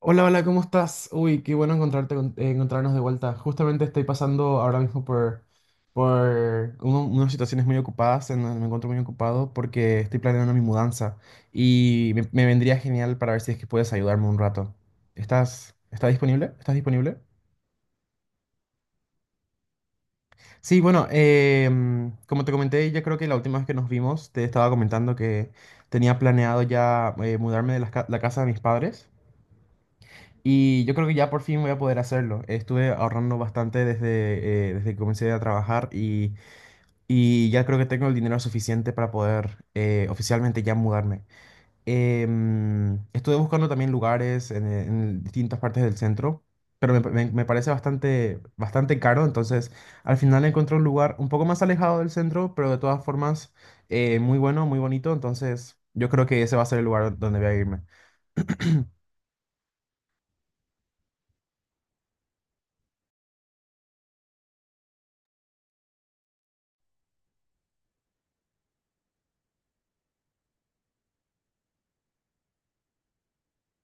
Hola, hola, ¿cómo estás? Uy, qué bueno encontrarte, encontrarnos de vuelta. Justamente estoy pasando ahora mismo por, unas situaciones muy ocupadas, en donde me encuentro muy ocupado porque estoy planeando mi mudanza y me vendría genial para ver si es que puedes ayudarme un rato. ¿Estás disponible? ¿Estás disponible? Sí, bueno, como te comenté, yo creo que la última vez que nos vimos te estaba comentando que tenía planeado ya mudarme de la casa de mis padres. Y yo creo que ya por fin voy a poder hacerlo. Estuve ahorrando bastante desde, desde que comencé a trabajar y ya creo que tengo el dinero suficiente para poder oficialmente ya mudarme. Estuve buscando también lugares en distintas partes del centro, pero me parece bastante, bastante caro. Entonces, al final encontré un lugar un poco más alejado del centro, pero de todas formas muy bueno, muy bonito. Entonces, yo creo que ese va a ser el lugar donde voy a irme.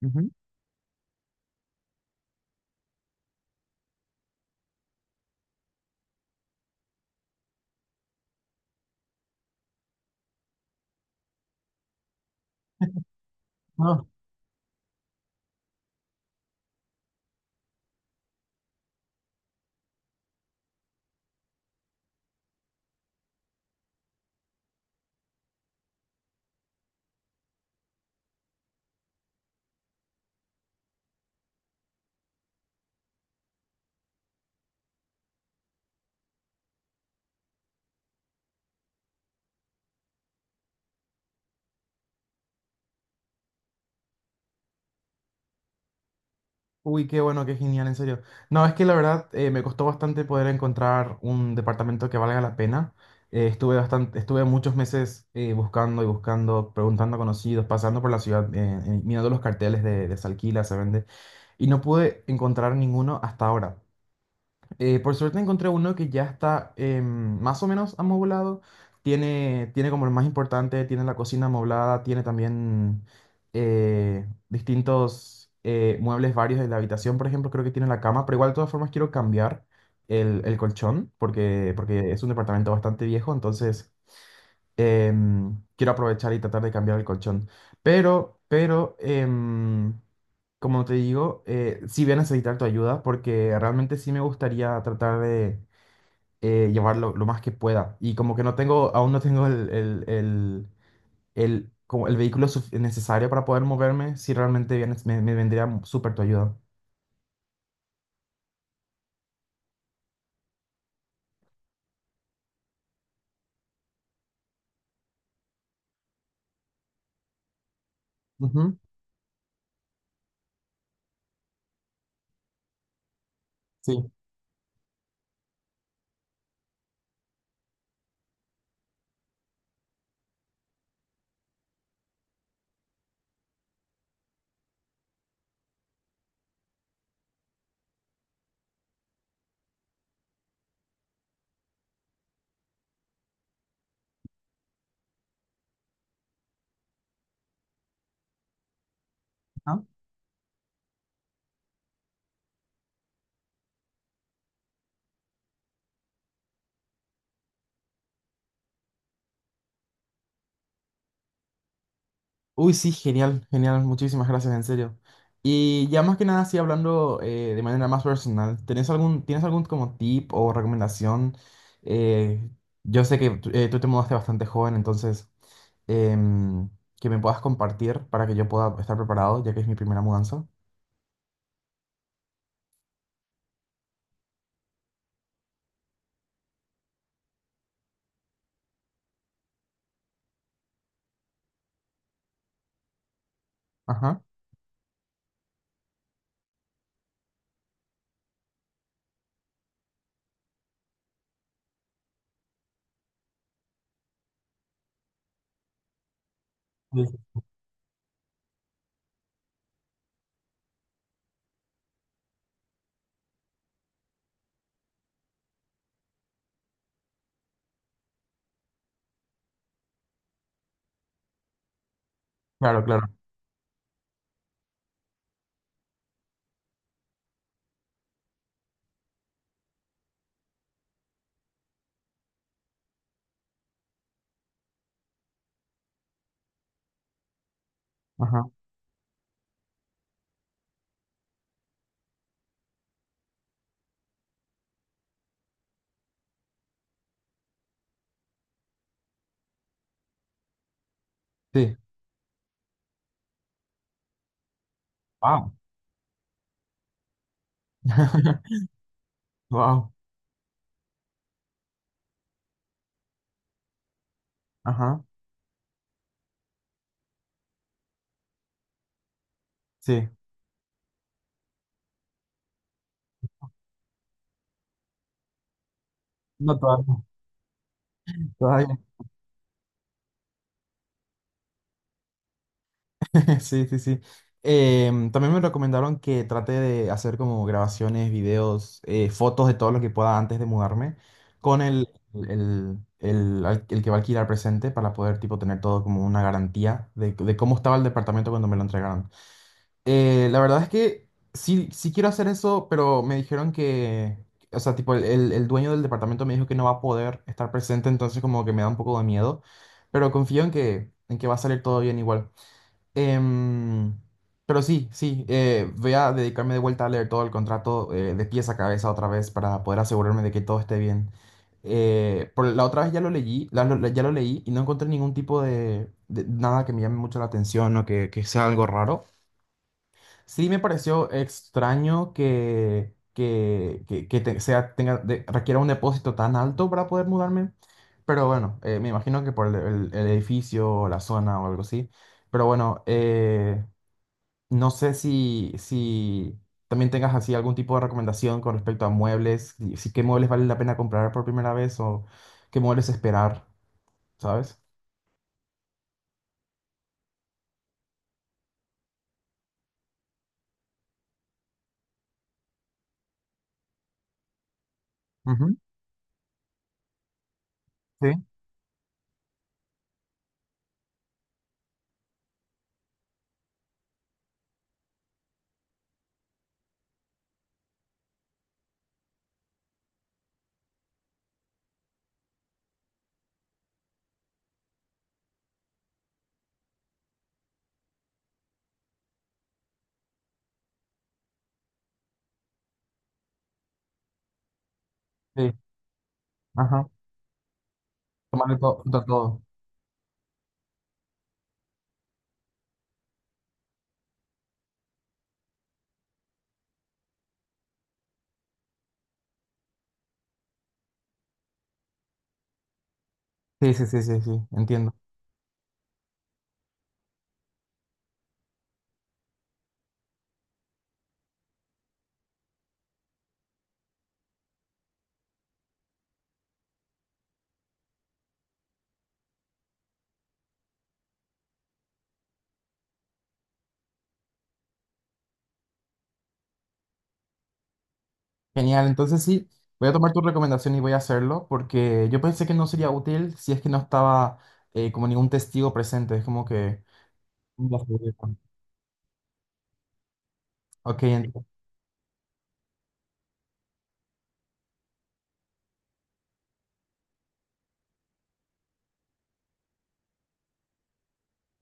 Ujú. Uy, qué bueno, qué genial, en serio. No, es que la verdad me costó bastante poder encontrar un departamento que valga la pena. Estuve bastante, estuve muchos meses buscando y buscando, preguntando a conocidos, pasando por la ciudad, mirando los carteles de se alquila, se vende, y no pude encontrar ninguno hasta ahora. Por suerte encontré uno que ya está más o menos amoblado. Tiene, tiene como lo más importante, tiene la cocina amoblada, tiene también distintos muebles varios de la habitación, por ejemplo, creo que tiene la cama, pero igual de todas formas quiero cambiar el colchón porque, porque es un departamento bastante viejo, entonces quiero aprovechar y tratar de cambiar el colchón. Pero, como te digo, sí voy a necesitar tu ayuda porque realmente sí me gustaría tratar de llevarlo lo más que pueda. Y como que no tengo, aún no tengo el como el vehículo necesario para poder moverme, sí realmente bien, me vendría súper tu ayuda. Ujú, sí. Uy, sí, genial, genial, muchísimas gracias, en serio. Y ya más que nada, sí, hablando de manera más personal, ¿tenés algún, tienes algún como tip o recomendación? Eh, yo sé que tú te mudaste bastante joven, entonces, em, que me puedas compartir para que yo pueda estar preparado, ya que es mi primera mudanza. Ajá. Sí, sí. Claro, claro. Ajá. Sí. Wow. Wow. Ajá. Sí. No todavía. Sí, sí, sí. Em, también me recomendaron que trate de hacer como grabaciones, videos, fotos de todo lo que pueda antes de mudarme con el el que va a alquilar presente para poder tipo tener todo como una garantía de cómo estaba el departamento cuando me lo entregaron. La verdad es que sí, sí quiero hacer eso, pero me dijeron que, o sea, tipo el dueño del departamento me dijo que no va a poder estar presente, entonces como que me da un poco de miedo, pero confío en que va a salir todo bien igual. Em, pero sí, sí, voy a dedicarme de vuelta a leer todo el contrato de pies a cabeza otra vez para poder asegurarme de que todo esté bien. Por, la otra vez ya lo leí, ya lo leí y no encontré ningún tipo de nada que me llame mucho la atención o que sea algo raro. Sí me pareció extraño que, requiera un depósito tan alto para poder mudarme, pero bueno, me imagino que por el edificio o la zona o algo así. Pero bueno, no sé si, si también tengas así algún tipo de recomendación con respecto a muebles, si, si qué muebles vale la pena comprar por primera vez o qué muebles esperar, ¿sabes? Ujú. Sí. Sí, ajá. Tomarle todo, todo. Sí, sí, sí, sí, sí, entiendo. Genial, entonces sí, voy a tomar tu recomendación y voy a hacerlo porque yo pensé que no sería útil si es que no estaba como ningún testigo presente, es como que... Ya sé, ya sé. Ok, entiendo.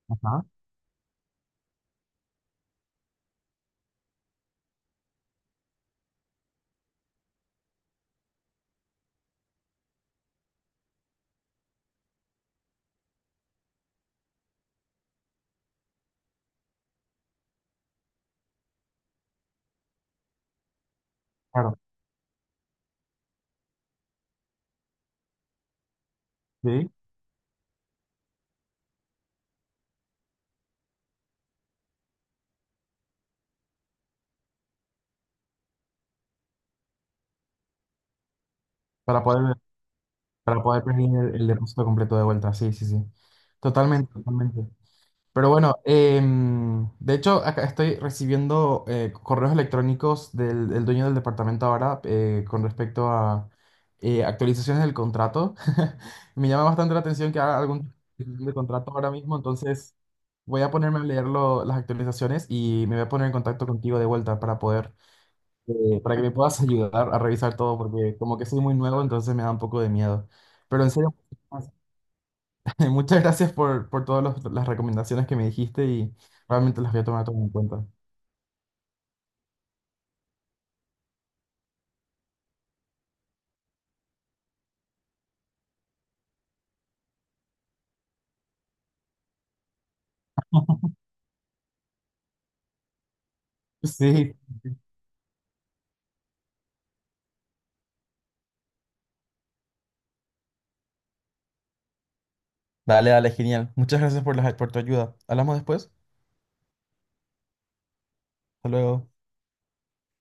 Ajá, claro, sí, para poder... Para poder pedir el depósito completo de vuelta, sí, sí, sí. Totalmente, totalmente. Pero bueno, em, de hecho, acá estoy recibiendo correos electrónicos del dueño del departamento ahora con respecto a actualizaciones del contrato. Me llama bastante la atención que haga algún tipo de contrato ahora mismo, entonces voy a ponerme a leer las actualizaciones y me voy a poner en contacto contigo de vuelta para poder para que me puedas ayudar a revisar todo, porque como que soy muy nuevo, entonces me da un poco de miedo. Pero en serio, muchas gracias por todas las recomendaciones que me dijiste y realmente las voy a tomar todo en cuenta. Sí, dale, dale, genial. Muchas gracias por, las, por tu ayuda. Hablamos después. Hasta luego.